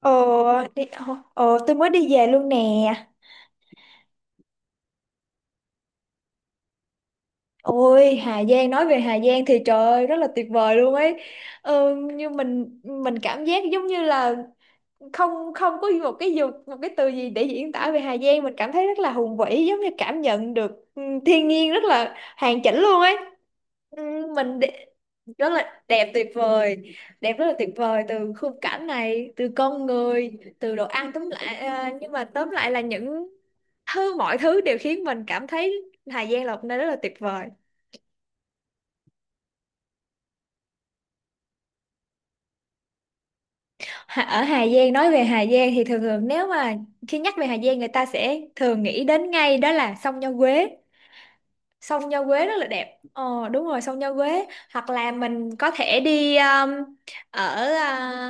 Ờ, tôi mới đi về luôn nè. Ôi, Hà Giang, nói về Hà Giang thì trời ơi, rất là tuyệt vời luôn ấy. Như mình cảm giác giống như là không không có một cái dục một cái từ gì để diễn tả về Hà Giang, mình cảm thấy rất là hùng vĩ, giống như cảm nhận được thiên nhiên rất là hoàn chỉnh luôn ấy. Ừ, mình đe- Rất là đẹp, tuyệt vời đẹp, rất là tuyệt vời, từ khung cảnh này, từ con người, từ đồ ăn, tóm lại nhưng mà tóm lại là những thứ mọi thứ đều khiến mình cảm thấy Hà Giang là một nơi rất là tuyệt vời. Ở Hà Giang, nói về Hà Giang thì thường thường, nếu mà khi nhắc về Hà Giang, người ta sẽ thường nghĩ đến ngay đó là sông Nho Quế. Sông Nho Quế rất là đẹp, ờ đúng rồi, sông Nho Quế. Hoặc là mình có thể đi ở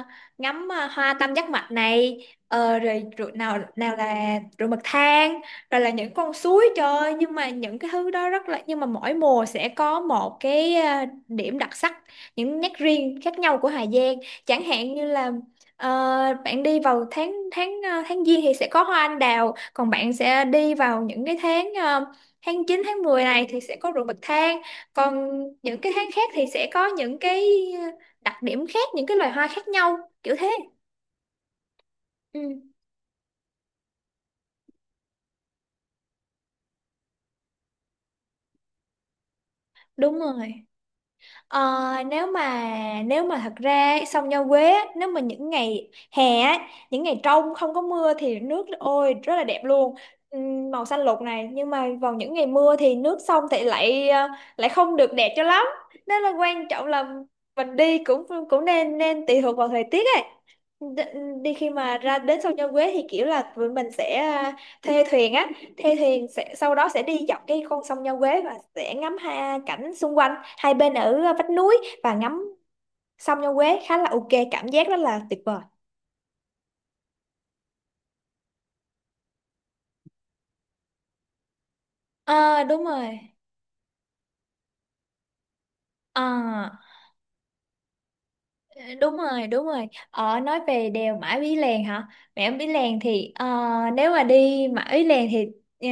uh, ngắm hoa tam giác mạch này. Rồi bậc thang, rồi là những con suối, trời ơi, nhưng mà những cái thứ đó rất là, nhưng mà mỗi mùa sẽ có một cái điểm đặc sắc, những nét riêng khác nhau của Hà Giang. Chẳng hạn như là, ờ, bạn đi vào tháng tháng tháng giêng thì sẽ có hoa anh đào, còn bạn sẽ đi vào những cái tháng tháng chín, tháng 10 này thì sẽ có ruộng bậc thang. Còn những cái tháng khác thì sẽ có những cái đặc điểm khác, những cái loài hoa khác nhau, kiểu thế. Ừ, đúng rồi. Ờ, nếu mà nếu mà thật ra sông Nho Quế á, nếu mà những ngày hè á, những ngày trong không có mưa thì nước ôi rất là đẹp luôn. Màu xanh lục này, nhưng mà vào những ngày mưa thì nước sông thì lại lại không được đẹp cho lắm. Nên là quan trọng là mình đi cũng cũng nên nên tùy thuộc vào thời tiết ấy. Đi khi mà ra đến sông Nho Quế thì kiểu là tụi mình sẽ thuê thuyền á. Thuê thuyền sẽ, sau đó sẽ đi dọc cái con sông Nho Quế và sẽ ngắm, ha, cảnh xung quanh hai bên ở vách núi, và ngắm sông Nho Quế, khá là ok, cảm giác rất là tuyệt vời. À, đúng rồi. À, đúng rồi, đúng rồi, nói về đèo Mã Pí Lèng hả. Mã Pí Lèng thì nếu mà đi Mã Pí Lèng thì ờ,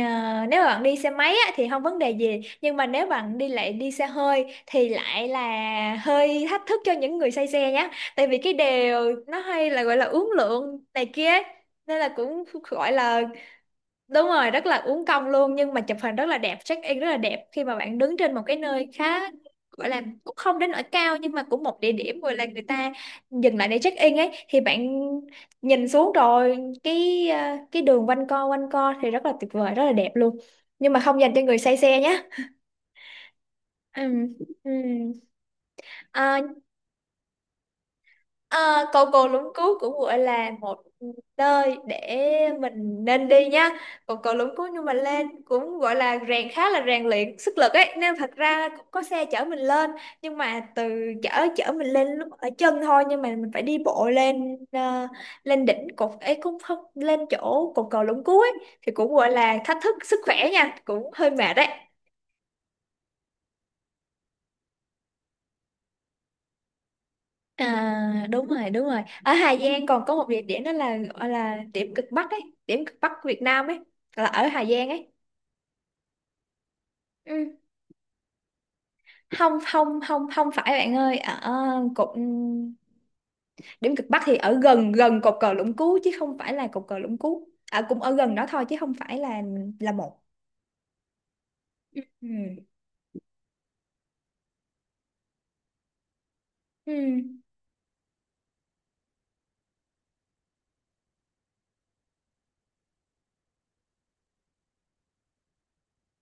nếu mà bạn đi xe máy á, thì không vấn đề gì, nhưng mà nếu bạn đi lại đi xe hơi thì lại là hơi thách thức cho những người say xe nhé. Tại vì cái đèo nó hay là gọi là uốn lượn này kia ấy. Nên là cũng gọi là. Đúng rồi, rất là uốn cong luôn, nhưng mà chụp hình rất là đẹp, check in rất là đẹp khi mà bạn đứng trên một cái nơi khá, gọi là cũng không đến nỗi cao, nhưng mà cũng một địa điểm gọi là người ta dừng lại để check in ấy, thì bạn nhìn xuống rồi cái cái đường quanh co thì rất là tuyệt vời, rất là đẹp luôn. Nhưng mà không dành cho người say xe nhé. Ừ. Ừ. À. À, cầu Cồn Lũng Cú cũng gọi là một nơi để mình nên đi nha. Cầu Cồn Lũng Cú, nhưng mà lên cũng gọi là khá là rèn luyện sức lực ấy, nên thật ra cũng có xe chở mình lên, nhưng mà từ chở chở mình lên lúc ở chân thôi, nhưng mà mình phải đi bộ lên lên đỉnh cột ấy, cũng không lên chỗ cột cầu Lũng Cú ấy, thì cũng gọi là thách thức sức khỏe nha, cũng hơi mệt đấy. À, đúng rồi, đúng rồi. Ở Hà Giang còn có một địa điểm đó là gọi là điểm cực Bắc ấy, điểm cực Bắc của Việt Nam ấy, là ở Hà Giang ấy. Ừ. Không, không, không, không phải bạn ơi, ở cột điểm cực Bắc thì ở gần gần cột cờ Lũng Cú chứ không phải là cột cờ Lũng Cú. À, cũng ở gần đó thôi chứ không phải là một. Ừ. Ừ. Ừ.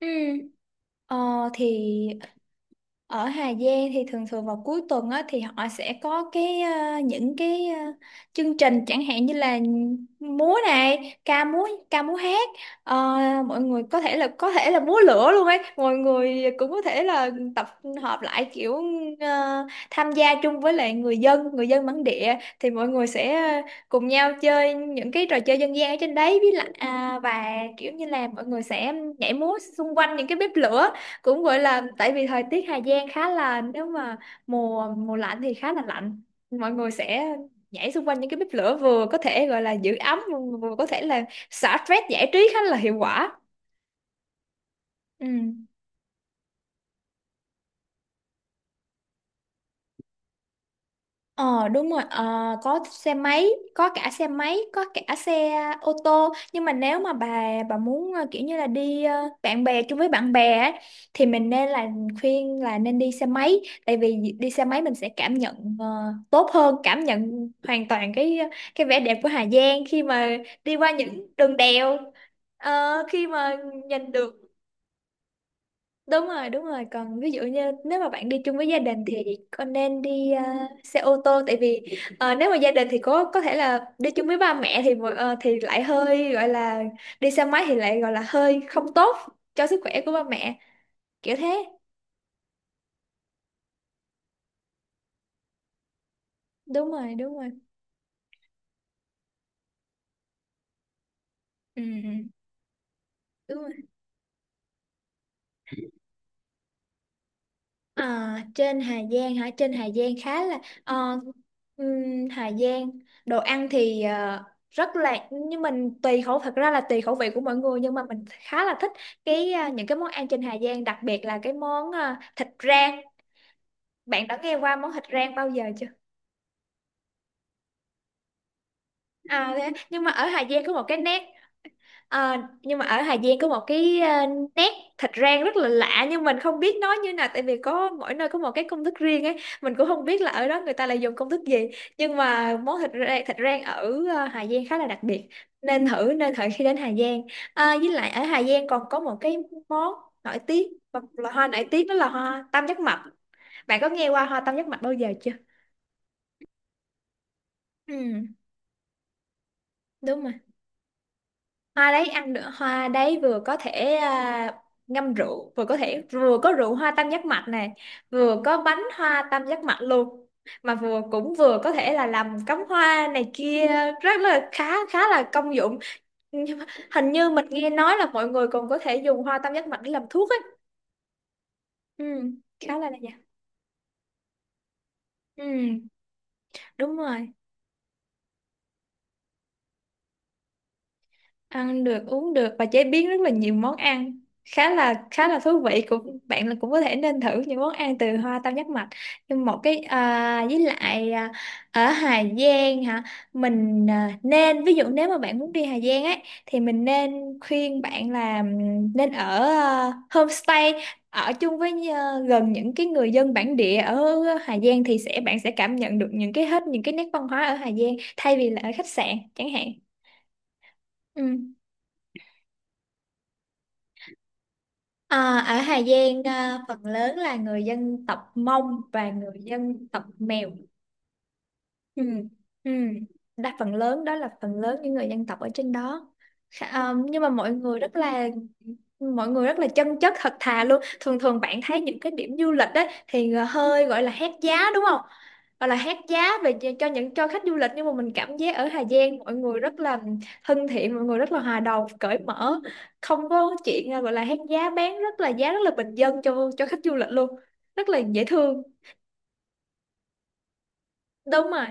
Ừ. Ờ, thì Ở Hà Giang thì thường thường vào cuối tuần á, thì họ sẽ có cái chương trình chẳng hạn như là múa này, ca múa hát. Ờ, mọi người có thể là múa lửa luôn ấy, mọi người cũng có thể là tập hợp lại kiểu ờ, tham gia chung với lại người dân bản địa, thì mọi người sẽ cùng nhau chơi những cái trò chơi dân gian ở trên đấy với lại và kiểu như là mọi người sẽ nhảy múa xung quanh những cái bếp lửa. Cũng gọi là, tại vì thời tiết Hà Giang khá là, nếu mà mùa mùa lạnh thì khá là lạnh, mọi người sẽ nhảy xung quanh những cái bếp lửa, vừa có thể gọi là giữ ấm, vừa vừa có thể là xả stress, giải trí khá là hiệu quả. Ừ. Ờ đúng rồi. Ờ, có xe máy, có cả xe máy, có cả xe ô tô, nhưng mà nếu mà bà muốn kiểu như là đi ờ, bạn bè chung với bạn bè ấy, thì mình nên là khuyên là nên đi xe máy, tại vì đi xe máy mình sẽ cảm nhận tốt hơn, cảm nhận hoàn toàn cái vẻ đẹp của Hà Giang khi mà đi qua những đường đèo. Ờ, khi mà nhìn được. Đúng rồi, đúng rồi. Còn ví dụ như nếu mà bạn đi chung với gia đình thì con nên đi xe ô tô, tại vì nếu mà gia đình thì có thể là đi chung với ba mẹ thì thì lại hơi gọi là đi xe máy thì lại gọi là hơi không tốt cho sức khỏe của ba mẹ, kiểu thế. Đúng rồi, đúng rồi. Ừ, ừ. Đúng. À, trên Hà Giang hả? Trên Hà Giang khá là ờ, Hà Giang đồ ăn thì rất là, nhưng mình tùy khẩu, thật ra là tùy khẩu vị của mọi người, nhưng mà mình khá là thích cái những cái món ăn trên Hà Giang, đặc biệt là cái món thịt rang. Bạn đã nghe qua món thịt rang bao giờ chưa? À, thế, nhưng mà ở Hà Giang có một cái nét. Ờ, nhưng mà ở Hà Giang có một cái nét thịt rang rất là lạ, nhưng mình không biết nói như nào, tại vì có mỗi nơi có một cái công thức riêng ấy, mình cũng không biết là ở đó người ta lại dùng công thức gì. Nhưng mà món thịt rang ở Hà Giang khá là đặc biệt, nên thử khi đến Hà Giang. À, với lại ở Hà Giang còn có một cái món nổi tiếng, một loại hoa nổi tiếng đó là hoa tam giác mạch. Bạn có nghe qua hoa tam giác mạch bao giờ chưa? Ừ, đúng rồi, hoa đấy ăn được. Hoa đấy vừa có thể ngâm rượu, vừa có rượu hoa tam giác mạch này, vừa có bánh hoa tam giác mạch luôn, vừa vừa có thể là làm cắm hoa này kia, rất là khá khá là công dụng. Nhưng mà hình như mình nghe nói là mọi người còn có thể dùng hoa tam giác mạch để làm thuốc ấy. Ừ, khá là nha. Ừ, đúng rồi. Ăn được, uống được, và chế biến rất là nhiều món ăn, khá là thú vị, cũng bạn là cũng có thể nên thử những món ăn từ hoa tam giác mạch. Nhưng một cái ở Hà Giang hả, mình nên, ví dụ nếu mà bạn muốn đi Hà Giang ấy, thì mình nên khuyên bạn là nên ở homestay, ở chung với gần những cái người dân bản địa ở Hà Giang, thì bạn sẽ cảm nhận được những cái hết những cái nét văn hóa ở Hà Giang, thay vì là ở khách sạn chẳng hạn. Ừ. À, ở Hà Giang phần lớn là người dân tộc Mông và người dân tộc Mèo. Ừ. Ừ. Đa phần lớn đó là phần lớn những người dân tộc ở trên đó. Nhưng mà mọi người rất là mọi người rất là chân chất, thật thà luôn. Thường thường bạn thấy những cái điểm du lịch đấy thì hơi gọi là hét giá, đúng không? Gọi là hét giá về cho những cho khách du lịch, nhưng mà mình cảm giác ở Hà Giang mọi người rất là thân thiện, mọi người rất là hòa đồng, cởi mở, không có chuyện gọi là hét giá, bán rất là giá rất là bình dân cho khách du lịch luôn, rất là dễ thương. Đúng rồi.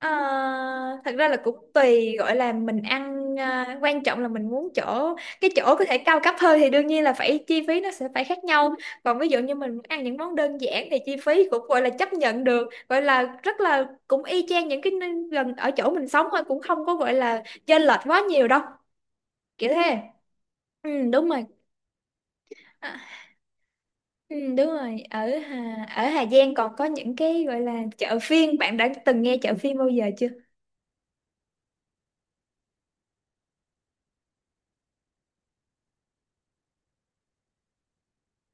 Ờ, Thật ra là cũng tùy, gọi là mình ăn, à, quan trọng là mình muốn chỗ cái chỗ có thể cao cấp hơn thì đương nhiên là phải chi phí nó sẽ phải khác nhau. Còn ví dụ như mình muốn ăn những món đơn giản thì chi phí cũng gọi là chấp nhận được, gọi là rất là cũng y chang những cái nơi gần ở chỗ mình sống thôi, cũng không có gọi là chênh lệch quá nhiều đâu, kiểu thế. Ừ, đúng rồi. À, ừ, đúng rồi, ở ở Hà Giang còn có những cái gọi là chợ phiên, bạn đã từng nghe chợ phiên bao giờ chưa?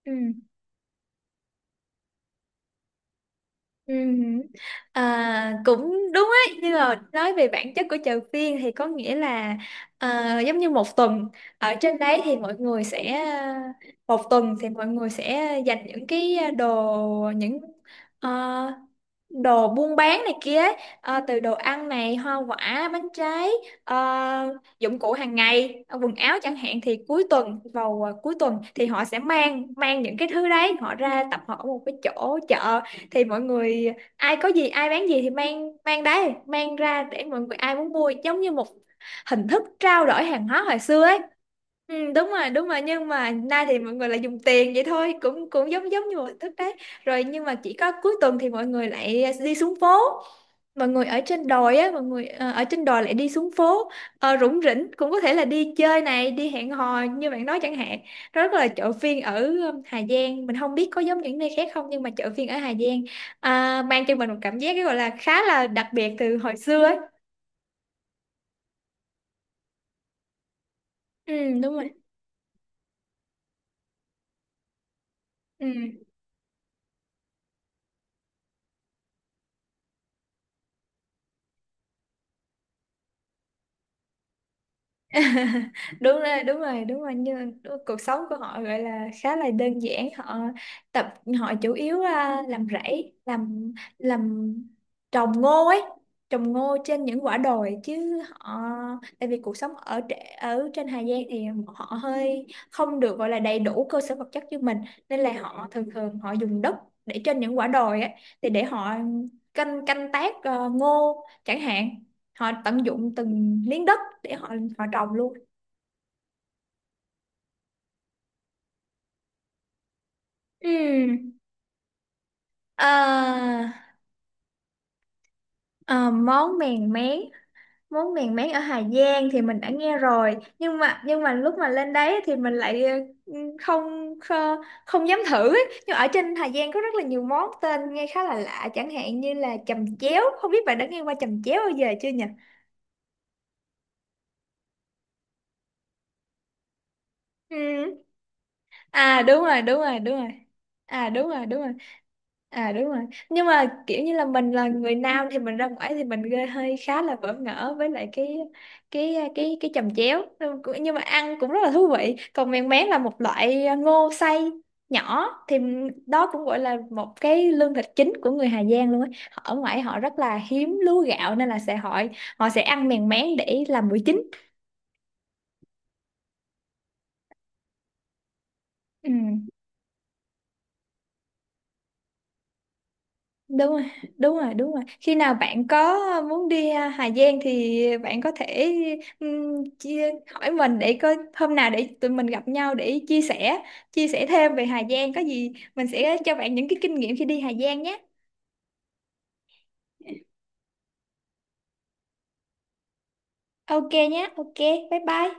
Ừ. Ừ. À, cũng đúng ấy, nhưng mà nói về bản chất của chợ phiên thì có nghĩa là, à, giống như một tuần ở trên đấy thì mọi người sẽ một tuần thì mọi người sẽ dành những cái đồ những ờ, đồ buôn bán này kia ấy, từ đồ ăn này, hoa quả, bánh trái, dụng cụ hàng ngày, quần áo chẳng hạn, thì cuối tuần vào cuối tuần thì họ sẽ mang mang những cái thứ đấy họ ra tập hợp ở một cái chỗ chợ, thì mọi người ai có gì, ai bán gì thì mang mang đấy mang ra để mọi người ai muốn mua, giống như một hình thức trao đổi hàng hóa hồi xưa ấy. Ừ, đúng rồi, đúng rồi. Nhưng mà nay thì mọi người lại dùng tiền vậy thôi, cũng cũng giống giống như một hình thức đấy rồi. Nhưng mà chỉ có cuối tuần thì mọi người lại đi xuống phố, mọi người ở trên đồi á, mọi người ở trên đồi lại đi xuống phố, rủng rỉnh, cũng có thể là đi chơi này, đi hẹn hò như bạn nói chẳng hạn. Rất là chợ phiên ở Hà Giang mình không biết có giống những nơi khác không, nhưng mà chợ phiên ở Hà Giang, à, mang cho mình một cảm giác cái gọi là khá là đặc biệt từ hồi xưa ấy. Ừ, đúng rồi. Ừ, đúng rồi, đúng rồi, đúng rồi, cuộc sống của họ gọi là khá là đơn giản. Họ tập họ chủ yếu, à, làm rẫy, làm trồng ngô ấy, trồng ngô trên những quả đồi chứ họ tại vì cuộc sống ở trên Hà Giang thì họ hơi không được gọi là đầy đủ cơ sở vật chất như mình, nên là họ thường thường họ dùng đất để trên những quả đồi ấy thì để họ canh canh tác ngô chẳng hạn. Họ tận dụng từng miếng đất để họ họ trồng luôn. Ừ. À, à, món mèn mén, món mèn mén ở Hà Giang thì mình đã nghe rồi, nhưng mà lúc mà lên đấy thì mình lại, ừ, không không, không dám thử ấy. Nhưng ở trên Hà Giang có rất là nhiều món tên nghe khá là lạ, chẳng hạn như là chầm chéo, không biết bạn đã nghe qua chầm chéo bao giờ chưa nhỉ? Ừ. À, đúng rồi, đúng rồi, đúng rồi. À, đúng rồi, đúng rồi. À, đúng rồi. Nhưng mà kiểu như là mình là người nam thì mình ra ngoài thì mình gây hơi khá là bỡ ngỡ với lại cái chồng chéo, nhưng mà ăn cũng rất là thú vị. Còn mèn mén là một loại ngô xay nhỏ, thì đó cũng gọi là một cái lương thực chính của người Hà Giang luôn á. Họ ở ngoài họ rất là hiếm lúa gạo nên là sẽ họ họ sẽ ăn mèn mén để làm bữa chính. Ừ. Đúng rồi, đúng rồi, đúng rồi. Khi nào bạn có muốn đi, à, Hà Giang thì bạn có thể, hỏi mình để coi hôm nào để tụi mình gặp nhau để chia sẻ thêm về Hà Giang, có gì mình sẽ cho bạn những cái kinh nghiệm khi đi Hà Giang nhé. Ok nhé, ok, bye bye.